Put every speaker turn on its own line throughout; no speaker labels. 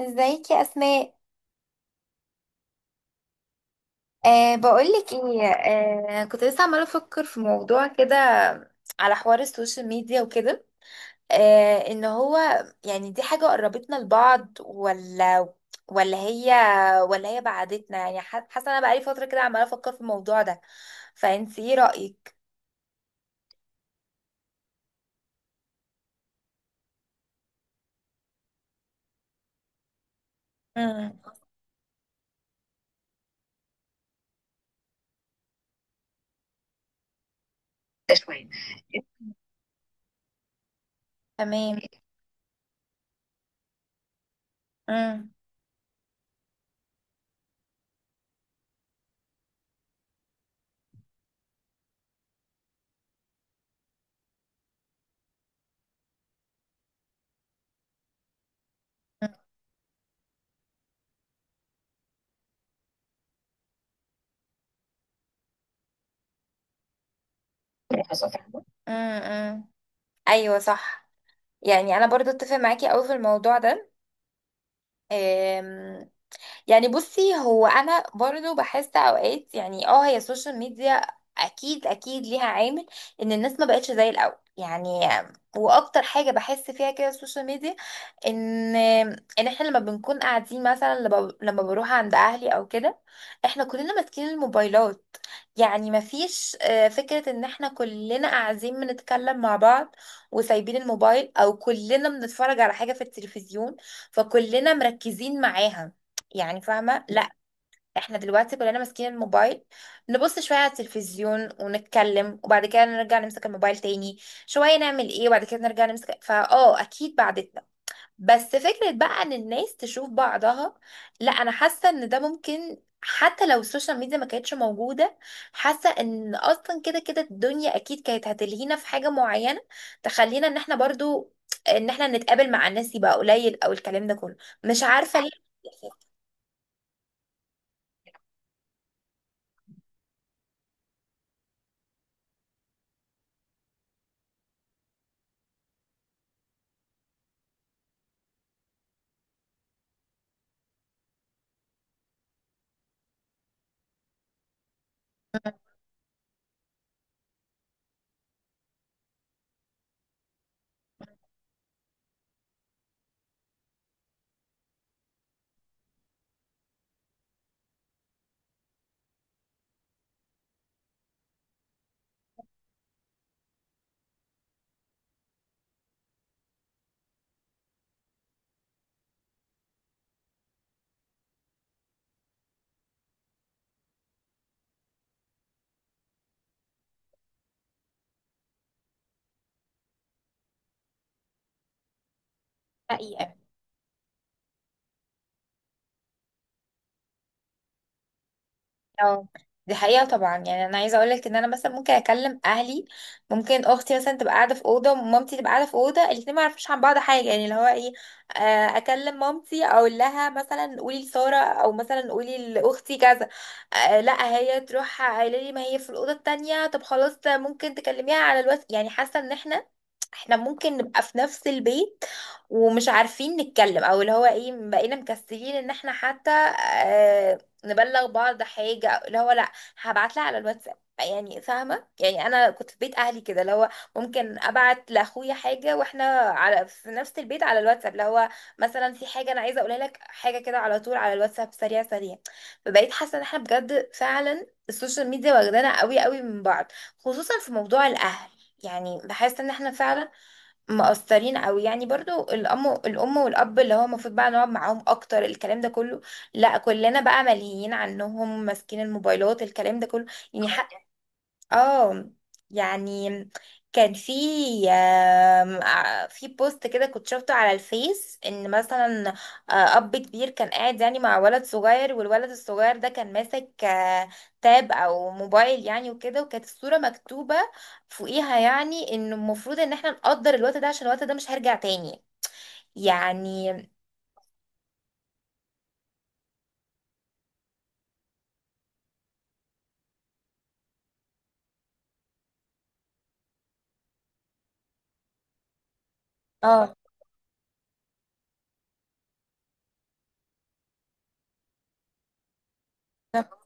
ازيك يا اسماء؟ بقولك ايه؟ كنت لسه عماله افكر في موضوع كده، على حوار السوشيال ميديا وكده. ان هو يعني دي حاجه قربتنا لبعض، ولا هي ولا هي بعدتنا؟ يعني حاسه انا بقالي فتره كده عماله افكر في الموضوع ده. فانت ايه رايك؟ امم. شوية. تمام. امم. ملاحظة، فاهمة. امم. ايوه صح. يعني انا برضو اتفق معاكي قوي في الموضوع ده. يعني بصي، هو انا برضو بحس اوقات يعني اه هي السوشيال ميديا اكيد اكيد ليها عامل ان الناس ما بقتش زي الاول يعني. واكتر حاجه بحس فيها كده السوشيال ميديا ان ان احنا لما بنكون قاعدين، مثلا لما بروح عند اهلي او كده، احنا كلنا ماسكين الموبايلات. يعني مفيش فكره ان احنا كلنا قاعدين بنتكلم مع بعض وسايبين الموبايل، او كلنا بنتفرج على حاجه في التلفزيون فكلنا مركزين معاها. يعني فاهمة؟ لا، احنا دلوقتي كلنا ماسكين الموبايل، نبص شوية على التلفزيون ونتكلم وبعد كده نرجع نمسك الموبايل تاني، شوية نعمل ايه وبعد كده نرجع نمسك. فاه، اكيد بعدتنا. بس فكرة بقى ان الناس تشوف بعضها، لا انا حاسة ان ده ممكن حتى لو السوشيال ميديا ما كانتش موجودة. حاسة ان اصلا كده كده الدنيا اكيد كانت هتلهينا في حاجة معينة تخلينا ان احنا برضو ان احنا نتقابل مع الناس يبقى قليل، او الكلام ده كله. مش عارفة ليه. حقيقة. اه، دي حقيقة طبعا. يعني انا عايزة اقولك ان انا مثلا ممكن اكلم اهلي. ممكن اختي مثلا تبقى قاعدة في اوضة، ومامتي تبقى قاعدة في اوضة، الاتنين ما يعرفوش عن بعض حاجة. يعني اللي هو ايه، اكلم مامتي اقول لها مثلا قولي لسارة، او مثلا قولي لاختي كذا، لا هي تروح قايله لي ما هي في الاوضة التانية، طب خلاص ممكن تكلميها على الواتس. يعني حاسة ان احنا ممكن نبقى في نفس البيت ومش عارفين نتكلم، او اللي هو ايه، بقينا مكسلين ان احنا حتى آه نبلغ بعض حاجة، أو اللي هو لا هبعت لها على الواتساب. يعني فاهمة؟ يعني انا كنت في بيت اهلي كده، اللي هو ممكن ابعت لاخويا حاجة واحنا على في نفس البيت على الواتساب، اللي هو مثلا في حاجة انا عايزة اقولها لك، حاجة كده على طول على الواتساب سريع سريع. فبقيت حاسة ان احنا بجد فعلا السوشيال ميديا واخدانا قوي قوي من بعض، خصوصا في موضوع الاهل. يعني بحس ان احنا فعلا مقصرين قوي. يعني برضو الام والاب، اللي هو المفروض بقى نقعد معاهم اكتر الكلام ده كله، لا كلنا بقى ملهيين عنهم ماسكين الموبايلات الكلام ده كله. يعني اه، حق. اه. يعني كان في في بوست كده كنت شفته على الفيس ان مثلا اب كبير كان قاعد يعني مع ولد صغير، والولد الصغير ده كان ماسك تاب او موبايل يعني وكده، وكانت الصورة مكتوبة فوقيها يعني انه المفروض ان احنا نقدر الوقت ده عشان الوقت ده مش هيرجع تاني. يعني اه. ده-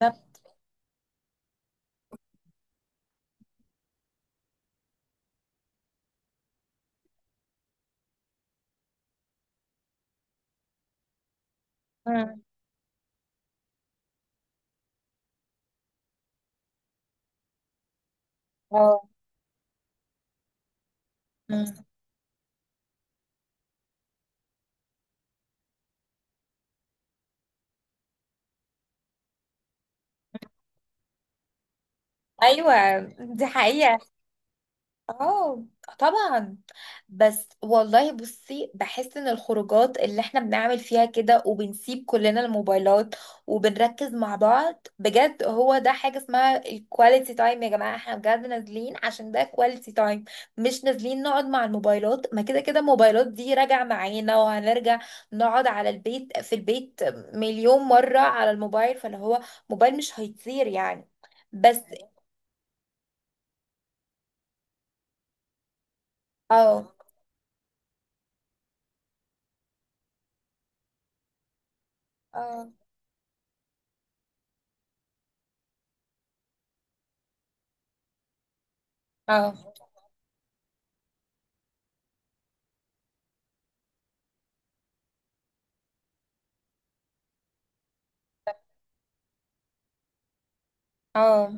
ده- مم. اه. مم. ايوه دي حقيقة. اه طبعا. بس والله بصي، بحس ان الخروجات اللي احنا بنعمل فيها كده وبنسيب كلنا الموبايلات وبنركز مع بعض بجد، هو ده حاجة اسمها الكواليتي تايم. يا جماعة احنا بجد نازلين عشان ده كواليتي تايم، مش نازلين نقعد مع الموبايلات. ما كده كده الموبايلات دي راجع معانا وهنرجع نقعد على البيت، في البيت مليون مرة على الموبايل. فاللي هو موبايل مش هيطير يعني. بس. اه. اه. اه. اه.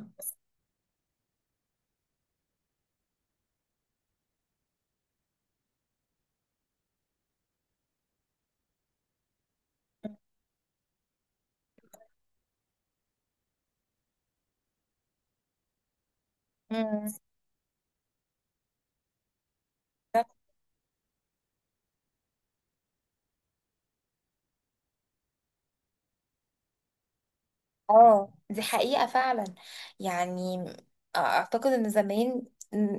مم. اه، دي حقيقة فعلا. يعني اعتقد ان زمان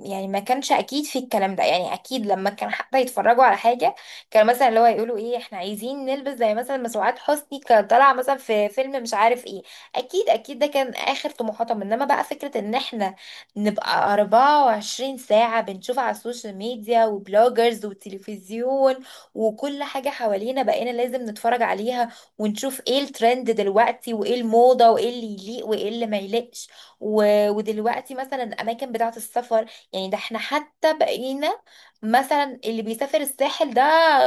يعني ما كانش اكيد في الكلام ده. يعني اكيد لما كان حتى يتفرجوا على حاجة، كان مثلا اللي هو يقولوا ايه، احنا عايزين نلبس زي مثلا ما سعاد حسني كان طالعة مثلا في فيلم مش عارف ايه. اكيد اكيد ده كان اخر طموحاتهم. انما بقى فكرة ان احنا نبقى 24 ساعة بنشوف على السوشيال ميديا وبلوجرز وتلفزيون، وكل حاجة حوالينا بقينا لازم نتفرج عليها ونشوف ايه الترند دلوقتي وايه الموضة وايه اللي يليق وايه اللي ما يليقش و... ودلوقتي مثلا الاماكن بتاعة السفر. يعني ده احنا حتى بقينا، مثلا اللي بيسافر الساحل ده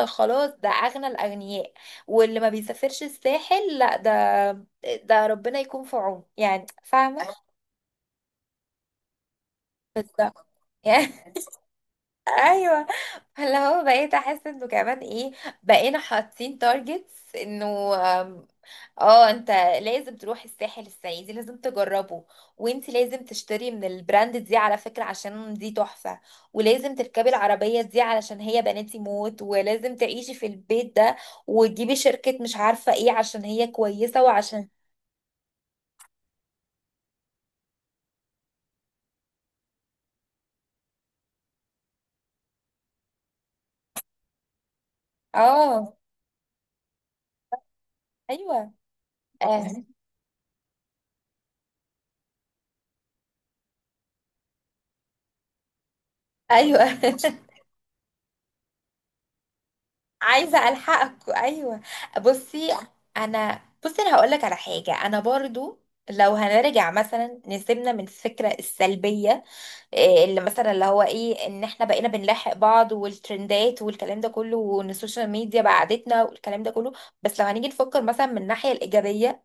خلاص ده اغنى الاغنياء، واللي ما بيسافرش الساحل لا ده، ده ربنا يكون في عونه. يعني فاهمة؟ بس ده يعني ايوه. فاللي هو بقيت احس انه كمان ايه، بقينا حاطين تارجتس انه اه انت لازم تروح الساحل السنة دي، لازم تجربه، وانت لازم تشتري من البراند دي على فكرة عشان دي تحفة، ولازم تركبي العربية دي علشان هي بناتي موت، ولازم تعيشي في البيت ده، وتجيبي شركة مش عارفة ايه عشان هي كويسة وعشان اه ايوه. آه. ايوه عايزة الحقك. ايوه بصي. انا بصي انا هقولك على حاجة. انا برضو لو هنرجع مثلا نسيبنا من الفكرة السلبية، إيه اللي مثلا اللي هو ايه ان احنا بقينا بنلاحق بعض والترندات والكلام ده كله وان السوشيال ميديا بعدتنا والكلام ده كله. بس لو هنيجي نفكر مثلا من الناحية الإيجابية،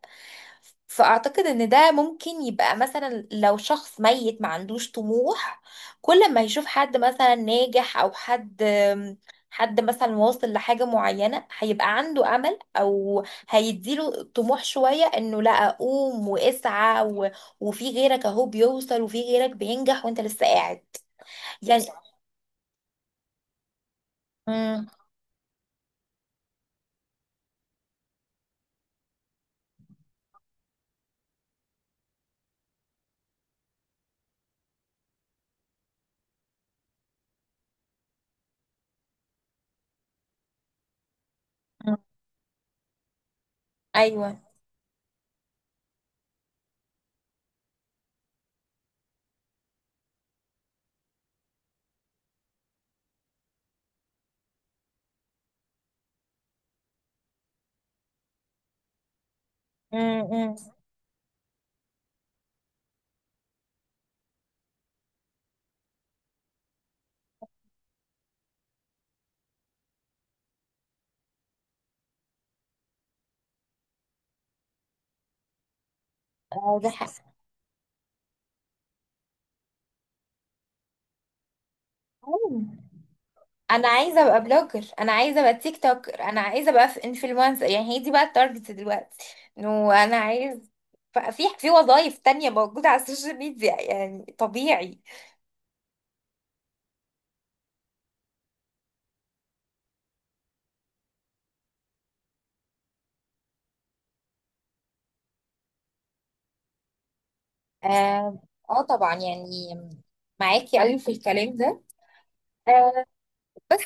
فأعتقد ان ده ممكن يبقى مثلا لو شخص ميت ما عندوش طموح، كل ما يشوف حد مثلا ناجح او حد، حد مثلا واصل لحاجة معينة، هيبقى عنده أمل، أو هيديله طموح شوية إنه لا قوم واسعى و... وفي غيرك أهو بيوصل وفي غيرك بينجح وأنت لسه قاعد. يعني. مم. مم. ايوه. مم. مم. آه، ده حق. أيوة. انا عايزه ابقى بلوجر، انا عايزه ابقى تيك توكر، انا عايزه ابقى في انفلونسر. يعني هي دي بقى التارجت دلوقتي، انه انا عايز في وظايف تانية موجوده على السوشيال ميديا يعني طبيعي. اه. آه طبعا. يعني معاكي قوي في الكلام ده. آه، بس.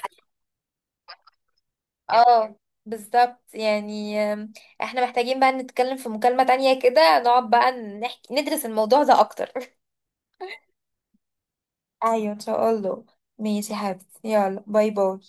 اه بالظبط. يعني احنا محتاجين بقى نتكلم في مكالمة تانية كده، نقعد بقى نحكي ندرس الموضوع ده اكتر. ايوه ان شاء الله. ماشي يا حبيبتي، يلا باي باي.